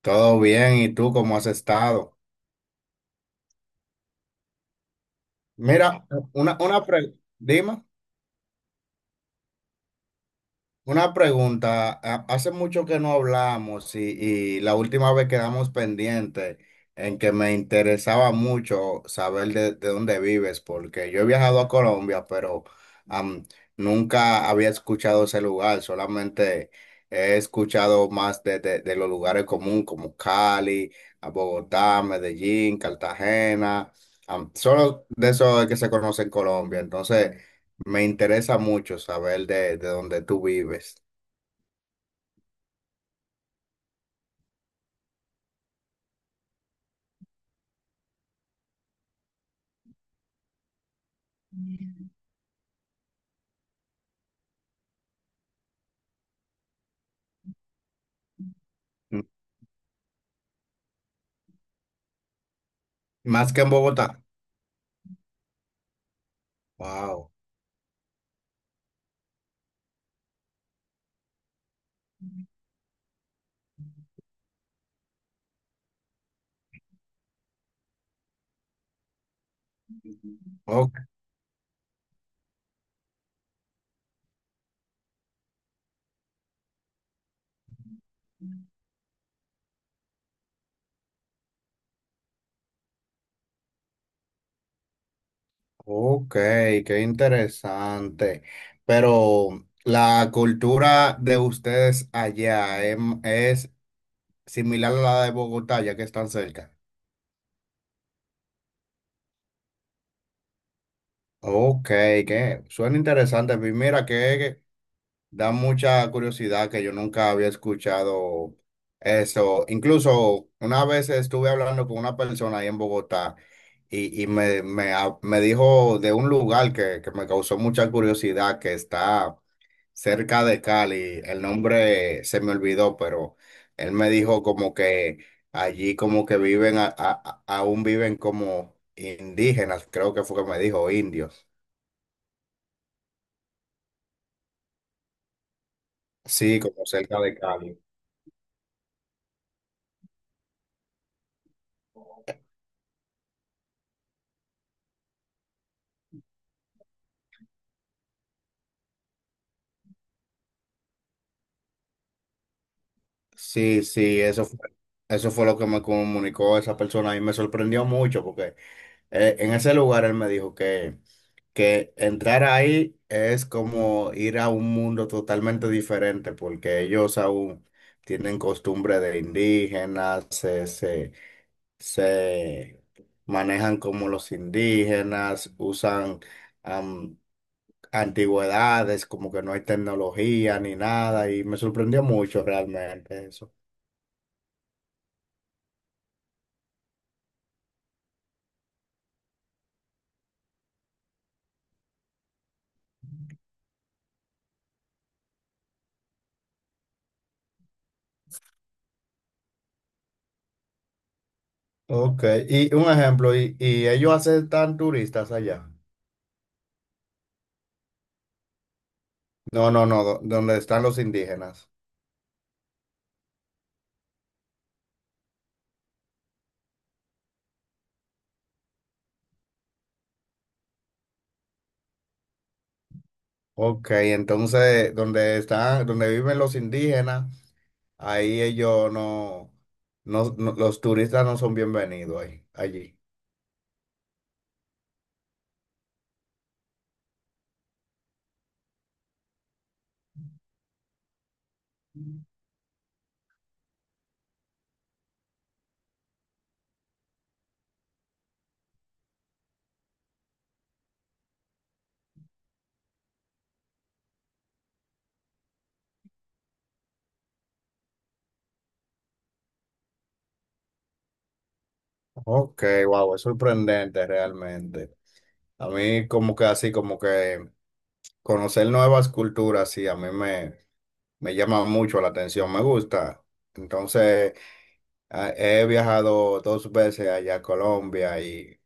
Todo bien, ¿y tú cómo has estado? Mira, dime. Una pregunta, hace mucho que no hablamos y la última vez quedamos pendientes en que me interesaba mucho saber de dónde vives, porque yo he viajado a Colombia, pero am, nunca había escuchado ese lugar, solamente he escuchado más de los lugares comunes como Cali, a Bogotá, Medellín, Cartagena. Solo de eso es que se conoce en Colombia, entonces, me interesa mucho saber de dónde tú vives. M. Más que en Bogotá. Wow. Ok, ok, qué interesante. Pero la cultura de ustedes allá es similar a la de Bogotá, ya que están cerca. Ok, que suena interesante. Pues mira que da mucha curiosidad que yo nunca había escuchado eso. Incluso una vez estuve hablando con una persona ahí en Bogotá me dijo de un lugar que me causó mucha curiosidad, que está cerca de Cali. El nombre se me olvidó, pero él me dijo como que allí como que viven, aún viven como indígenas, creo que fue que me dijo, indios. Sí, como cerca de Cali. Sí, sí, eso fue, eso fue lo que me comunicó esa persona y me sorprendió mucho porque en ese lugar él me dijo que entrar ahí es como ir a un mundo totalmente diferente porque ellos aún tienen costumbre de indígenas, se manejan como los indígenas, usan am, antigüedades, como que no hay tecnología ni nada y me sorprendió mucho realmente eso. Ok, y un ejemplo, y ellos aceptan turistas allá. No, no, no, donde están los indígenas. Ok, entonces, donde están, donde viven los indígenas, ahí ellos no, los turistas no son bienvenidos ahí, allí. Ok, wow, es sorprendente realmente. A mí como que así, como que conocer nuevas culturas, sí, me llama mucho la atención, me gusta. Entonces, ah, he viajado dos veces allá a Colombia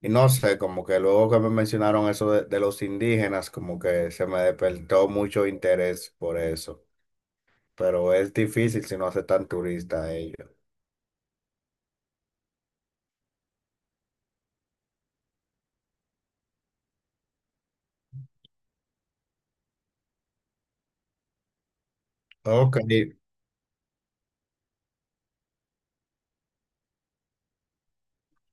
y no sé, como que luego que me mencionaron eso de los indígenas, como que se me despertó mucho interés por eso. Pero es difícil si no hace tan turista ellos. Ok,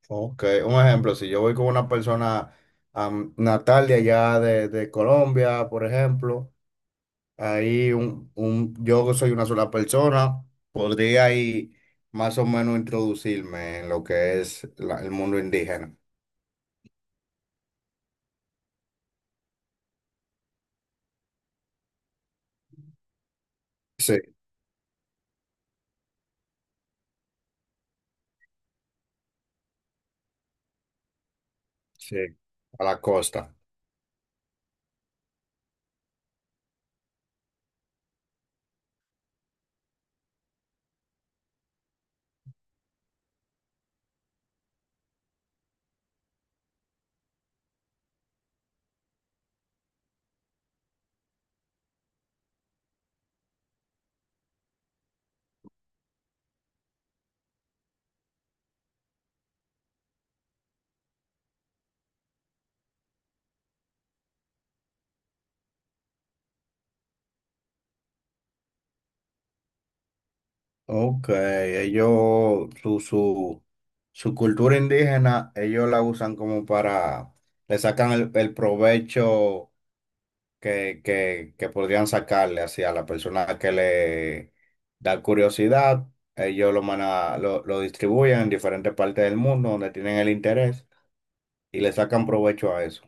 ok. Un ejemplo, si yo voy con una persona natal de allá de Colombia, por ejemplo, ahí yo soy una sola persona, podría ahí más o menos introducirme en lo que es el mundo indígena. Sí, sí, a la costa. Ok, ellos, su cultura indígena, ellos la usan como para, le sacan el provecho que podrían sacarle hacia la persona que le da curiosidad. Ellos lo, lo distribuyen en diferentes partes del mundo donde tienen el interés y le sacan provecho a eso.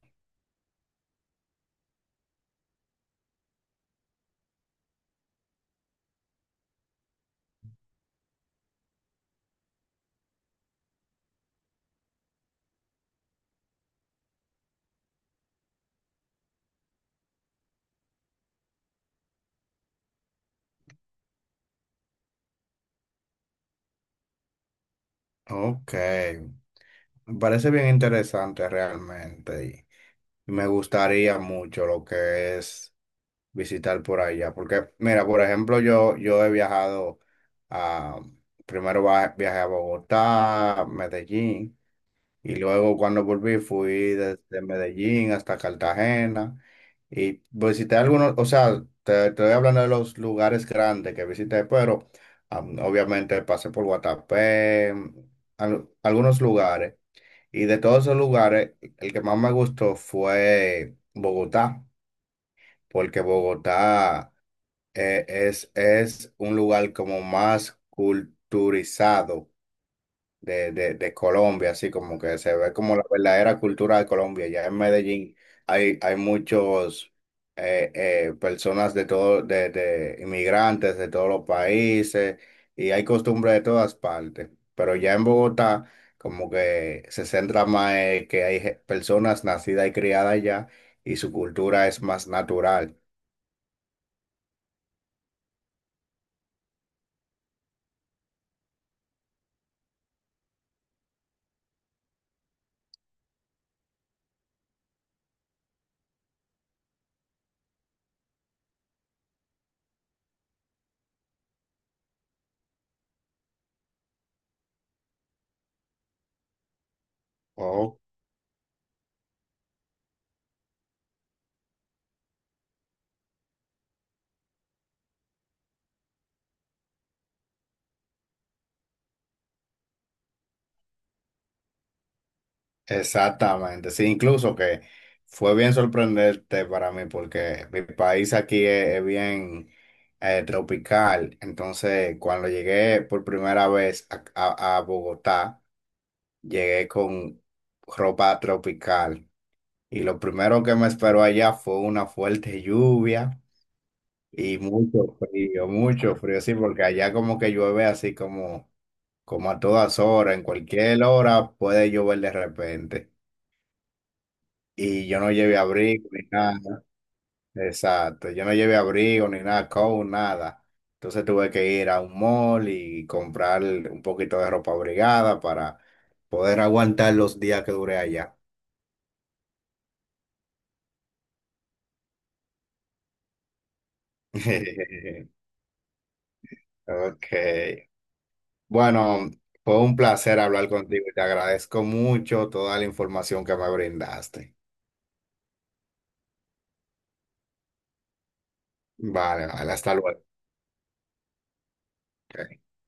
Ok, me parece bien interesante realmente. Me gustaría mucho lo que es visitar por allá, porque mira, por ejemplo, yo he viajado a, primero viajé a Bogotá, Medellín, y luego cuando volví fui desde Medellín hasta Cartagena y visité algunos, o sea, te estoy hablando de los lugares grandes que visité, pero obviamente pasé por Guatapé, mm, algunos lugares. Y de todos esos lugares, el que más me gustó fue Bogotá, porque Bogotá es un lugar como más culturizado de Colombia, así como que se ve como. Mm. La verdadera cultura de Colombia. Ya en Medellín hay muchos personas de todo, de inmigrantes de todos los países y hay costumbres de todas partes. Pero ya en Bogotá como que se centra más en que hay personas nacidas y criadas allá y su cultura es más natural. Exactamente, sí, incluso que fue bien sorprendente para mí porque mi país aquí es bien tropical, entonces cuando llegué por primera vez a, a Bogotá, llegué con ropa tropical y lo primero que me esperó allá fue una fuerte lluvia y mucho frío, sí, porque allá como que llueve así como, como a todas horas, en cualquier hora puede llover de repente. Y yo no llevé abrigo ni nada. Exacto. Yo no llevé abrigo ni nada, coat, nada. Entonces tuve que ir a un mall y comprar un poquito de ropa abrigada para poder aguantar los días que duré allá. Ok. Bueno, fue un placer hablar contigo y te agradezco mucho toda la información que me brindaste. Vale, vale, hasta luego. Ok, chao.